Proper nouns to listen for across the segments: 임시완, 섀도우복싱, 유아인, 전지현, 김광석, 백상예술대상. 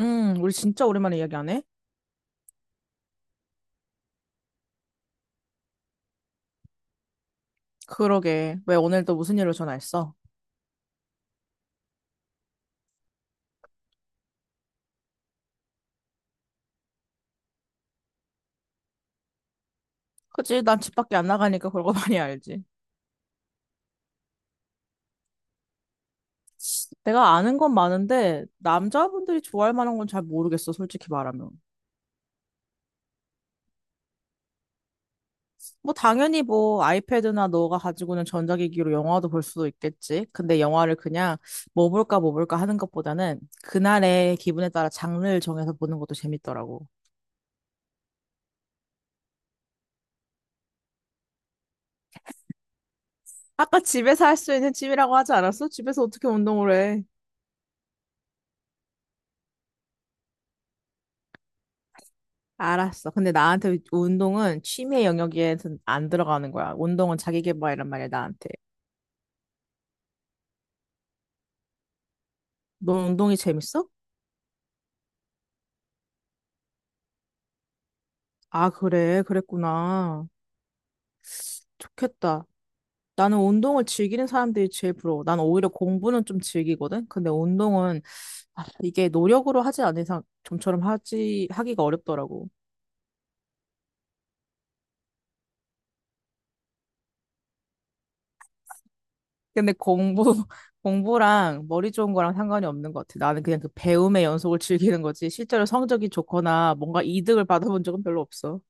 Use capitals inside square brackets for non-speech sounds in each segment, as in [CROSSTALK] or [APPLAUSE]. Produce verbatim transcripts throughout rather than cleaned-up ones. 음, 우리 진짜 오랜만에 이야기하네? 그러게. 왜 오늘도 무슨 일로 전화했어? 그치, 난 집 밖에 안 나가니까 그런 거 많이 알지. 내가 아는 건 많은데, 남자분들이 좋아할 만한 건 잘 모르겠어, 솔직히 말하면. 뭐, 당연히 뭐, 아이패드나 너가 가지고 있는 전자기기로 영화도 볼 수도 있겠지. 근데 영화를 그냥 뭐 볼까, 뭐 볼까 하는 것보다는, 그날의 기분에 따라 장르를 정해서 보는 것도 재밌더라고. 아까 집에서 할 수 있는 취미라고 하지 않았어? 집에서 어떻게 운동을 해? 알았어. 근데 나한테 운동은 취미 영역에 안 들어가는 거야. 운동은 자기 개발이란 말이야, 나한테. 넌 운동이 재밌어? 아, 그래. 그랬구나. 좋겠다. 나는 운동을 즐기는 사람들이 제일 부러워. 난 오히려 공부는 좀 즐기거든? 근데 운동은, 아, 이게 노력으로 하지 않은 이상 좀처럼 하지, 하기가 어렵더라고. 근데 공부, [LAUGHS] 공부랑 머리 좋은 거랑 상관이 없는 것 같아. 나는 그냥 그 배움의 연속을 즐기는 거지. 실제로 성적이 좋거나 뭔가 이득을 받아본 적은 별로 없어.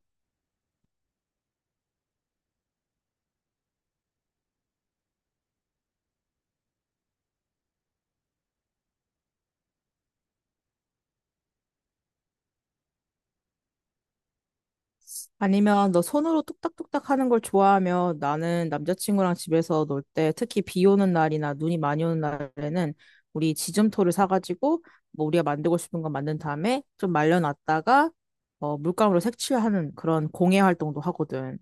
아니면 너 손으로 뚝딱뚝딱 하는 걸 좋아하면 나는 남자친구랑 집에서 놀 때 특히 비 오는 날이나 눈이 많이 오는 날에는 우리 지점토를 사가지고 뭐 우리가 만들고 싶은 거 만든 다음에 좀 말려놨다가 어, 물감으로 색칠하는 그런 공예 활동도 하거든.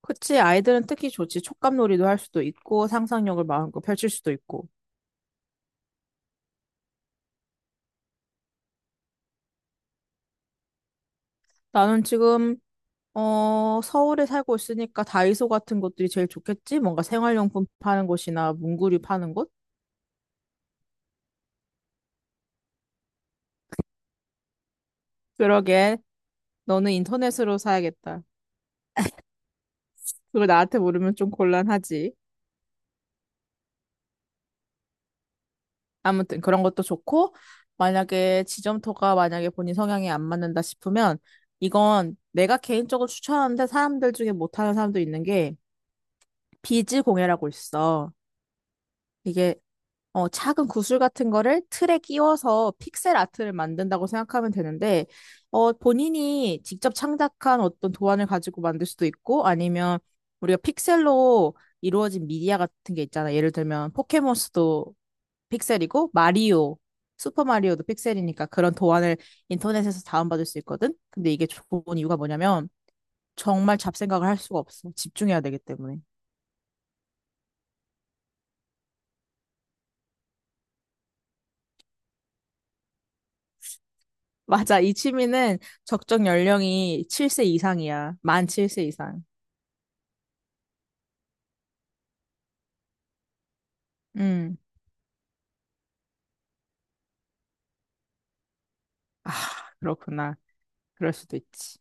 그치, 아이들은 특히 좋지. 촉감놀이도 할 수도 있고 상상력을 마음껏 펼칠 수도 있고. 나는 지금 어, 서울에 살고 있으니까 다이소 같은 곳들이 제일 좋겠지? 뭔가 생활용품 파는 곳이나 문구류 파는 곳? 그러게. 너는 인터넷으로 사야겠다. 그걸 나한테 물으면 좀 곤란하지. 아무튼 그런 것도 좋고, 만약에 지점토가 만약에 본인 성향에 안 맞는다 싶으면, 이건 내가 개인적으로 추천하는데 사람들 중에 못하는 사람도 있는 게, 비즈 공예라고 있어. 이게 어, 작은 구슬 같은 거를 틀에 끼워서 픽셀 아트를 만든다고 생각하면 되는데, 어, 본인이 직접 창작한 어떤 도안을 가지고 만들 수도 있고, 아니면 우리가 픽셀로 이루어진 미디어 같은 게 있잖아. 예를 들면 포켓몬스도 픽셀이고, 마리오, 슈퍼마리오도 픽셀이니까 그런 도안을 인터넷에서 다운받을 수 있거든? 근데 이게 좋은 이유가 뭐냐면, 정말 잡생각을 할 수가 없어. 집중해야 되기 때문에. 맞아. 이 취미는 적정 연령이 칠 세 이상이야. 만 칠 세 이상. 음. 아, 그렇구나. 그럴 수도 있지.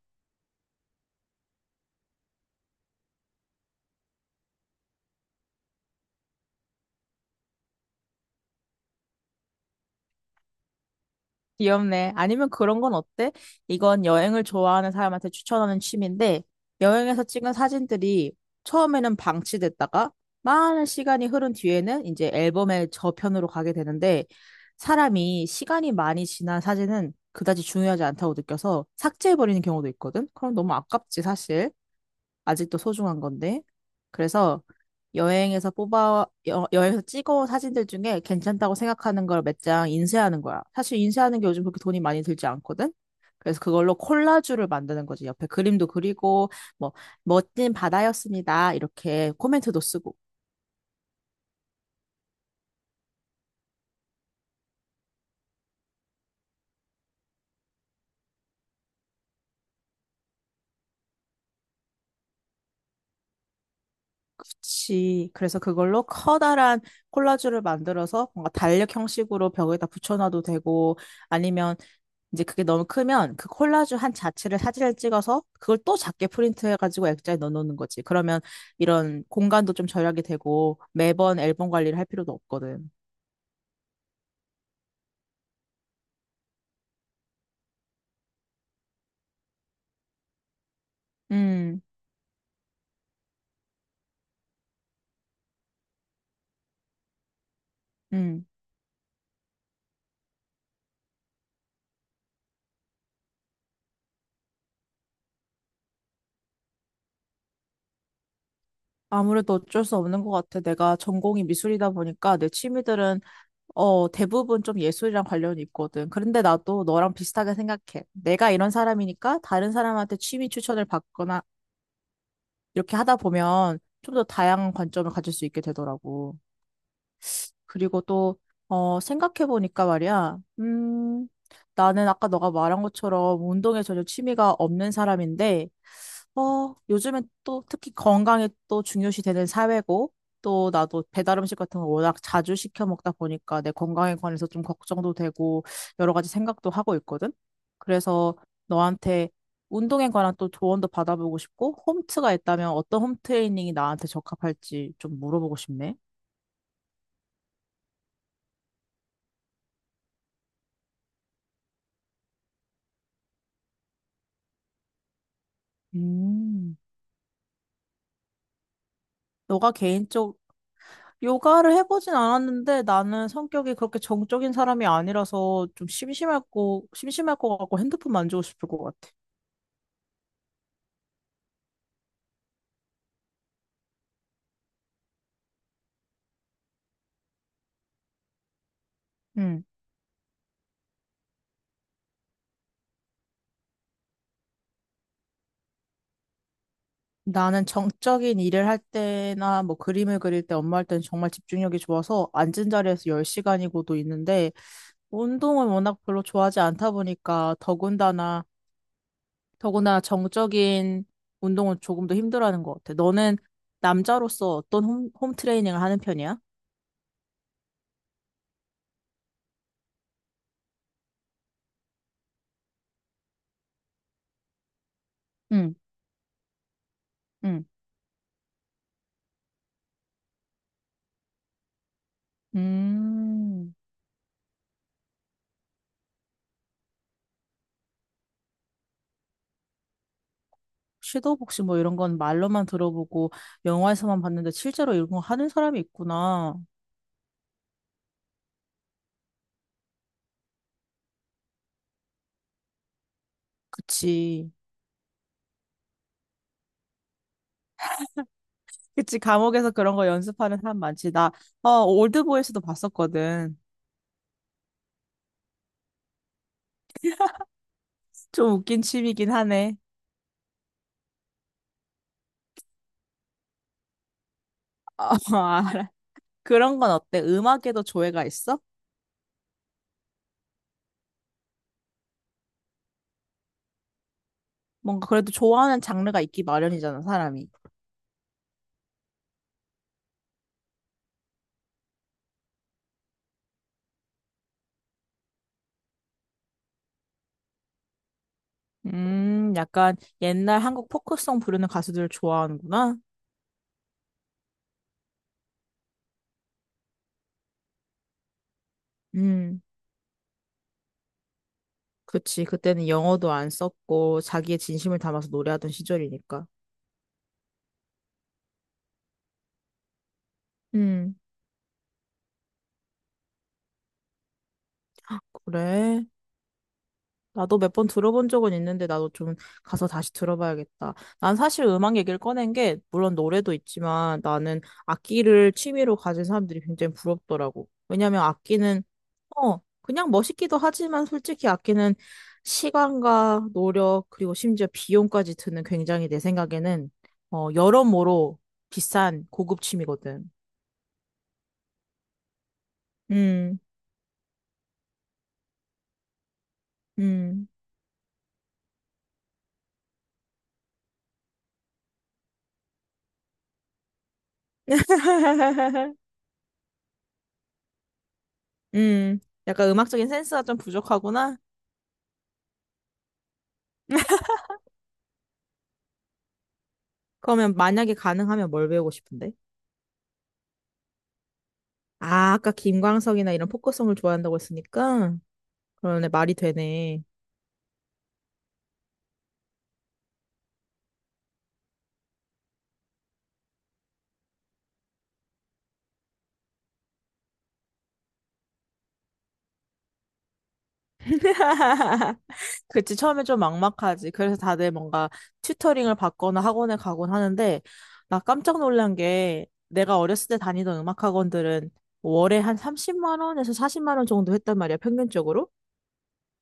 귀엽네. 아니면 그런 건 어때? 이건 여행을 좋아하는 사람한테 추천하는 취미인데, 여행에서 찍은 사진들이 처음에는 방치됐다가, 많은 시간이 흐른 뒤에는 이제 앨범의 저편으로 가게 되는데, 사람이 시간이 많이 지난 사진은 그다지 중요하지 않다고 느껴서 삭제해버리는 경우도 있거든? 그럼 너무 아깝지, 사실. 아직도 소중한 건데. 그래서 여행에서 뽑아, 여, 여행에서 찍어온 사진들 중에 괜찮다고 생각하는 걸 몇 장 인쇄하는 거야. 사실 인쇄하는 게 요즘 그렇게 돈이 많이 들지 않거든? 그래서 그걸로 콜라주를 만드는 거지. 옆에 그림도 그리고, 뭐, 멋진 바다였습니다. 이렇게 코멘트도 쓰고. 그치. 그래서 그걸로 커다란 콜라주를 만들어서 뭔가 달력 형식으로 벽에다 붙여놔도 되고, 아니면 이제 그게 너무 크면 그 콜라주 한 자체를 사진을 찍어서 그걸 또 작게 프린트해가지고 액자에 넣어놓는 거지. 그러면 이런 공간도 좀 절약이 되고 매번 앨범 관리를 할 필요도 없거든. 음, 음. 아무래도 어쩔 수 없는 것 같아. 내가 전공이 미술이다 보니까 내 취미들은 어, 대부분 좀 예술이랑 관련이 있거든. 그런데 나도 너랑 비슷하게 생각해. 내가 이런 사람이니까 다른 사람한테 취미 추천을 받거나 이렇게 하다 보면 좀 더 다양한 관점을 가질 수 있게 되더라고. 그리고 또, 어, 생각해보니까 말이야, 음, 나는 아까 너가 말한 것처럼 운동에 전혀 취미가 없는 사람인데, 어, 요즘엔 또 특히 건강이 또 중요시 되는 사회고, 또 나도 배달 음식 같은 거 워낙 자주 시켜 먹다 보니까 내 건강에 관해서 좀 걱정도 되고, 여러 가지 생각도 하고 있거든? 그래서 너한테 운동에 관한 또 조언도 받아보고 싶고, 홈트가 있다면 어떤 홈 트레이닝이 나한테 적합할지 좀 물어보고 싶네. 음. 너가 개인적 요가를 해보진 않았는데 나는 성격이 그렇게 정적인 사람이 아니라서 좀 심심할고 심심할 것 같고 핸드폰 만지고 싶을 것 같아. 음, 나는 정적인 일을 할 때나 뭐 그림을 그릴 때 엄마 할 때는 정말 집중력이 좋아서 앉은 자리에서 열 시간이고도 있는데 운동을 워낙 별로 좋아하지 않다 보니까 더군다나 더군다나 정적인 운동은 조금 더 힘들어하는 것 같아. 너는 남자로서 어떤 홈, 홈 트레이닝을 하는 편이야? 응. 응. 음, 섀도우복시 뭐 이런 건 말로만 들어보고 영화에서만 봤는데 실제로 이런 거 하는 사람이 있구나. 그치. 그치. 감옥에서 그런 거 연습하는 사람 많지. 나, 어, 올드보이스도 봤었거든. 좀 웃긴 취미긴 하네. 어, [LAUGHS] 알아. 그런 건 어때? 음악에도 조예가 있어? 뭔가 그래도 좋아하는 장르가 있기 마련이잖아, 사람이. 음, 약간 옛날 한국 포크송 부르는 가수들 좋아하는구나. 음. 그치. 그때는 영어도 안 썼고 자기의 진심을 담아서 노래하던 시절이니까. 음, 그래. 나도 몇 번 들어본 적은 있는데 나도 좀 가서 다시 들어봐야겠다. 난 사실 음악 얘기를 꺼낸 게 물론 노래도 있지만 나는 악기를 취미로 가진 사람들이 굉장히 부럽더라고. 왜냐면 악기는 어, 그냥 멋있기도 하지만 솔직히 악기는 시간과 노력 그리고 심지어 비용까지 드는 굉장히 내 생각에는 어, 여러모로 비싼 고급 취미거든. 음. 음. [LAUGHS] 음. 약간 음악적인 센스가 좀 부족하구나. 그러면 만약에 가능하면 뭘 배우고 싶은데? 아, 아까 김광석이나 이런 포크송을 좋아한다고 했으니까. 그러네, 말이 되네. [LAUGHS] 그치, 처음에 좀 막막하지. 그래서 다들 뭔가 튜터링을 받거나 학원에 가곤 하는데, 나 깜짝 놀란 게, 내가 어렸을 때 다니던 음악 학원들은 월에 한 삼십만 원에서 사십만 원 정도 했단 말이야, 평균적으로.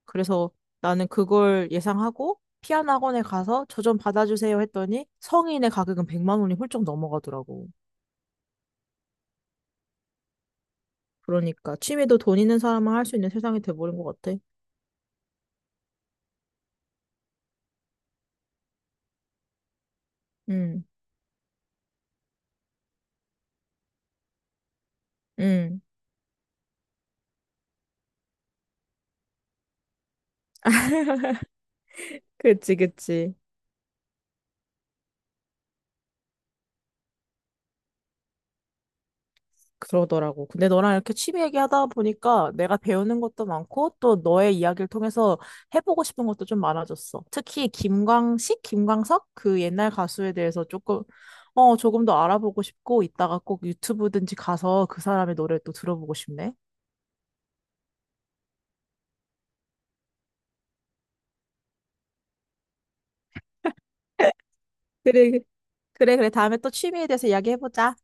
그래서 나는 그걸 예상하고 피아노 학원에 가서 저 좀 받아주세요 했더니 성인의 가격은 백만 원이 훌쩍 넘어가더라고. 그러니까 취미도 돈 있는 사람만 할 수 있는 세상이 돼버린 것 같아. 응, 응. 그치, 그치. 그러더라고. 근데 너랑 이렇게 취미 얘기하다 보니까 내가 배우는 것도 많고 또 너의 이야기를 통해서 해보고 싶은 것도 좀 많아졌어. 특히 김광식, 김광석 그 옛날 가수에 대해서 조금 어 조금 더 알아보고 싶고 이따가 꼭 유튜브든지 가서 그 사람의 노래를 또 들어보고 싶네. 그래, 그래, 그래. 다음에 또 취미에 대해서 이야기해보자.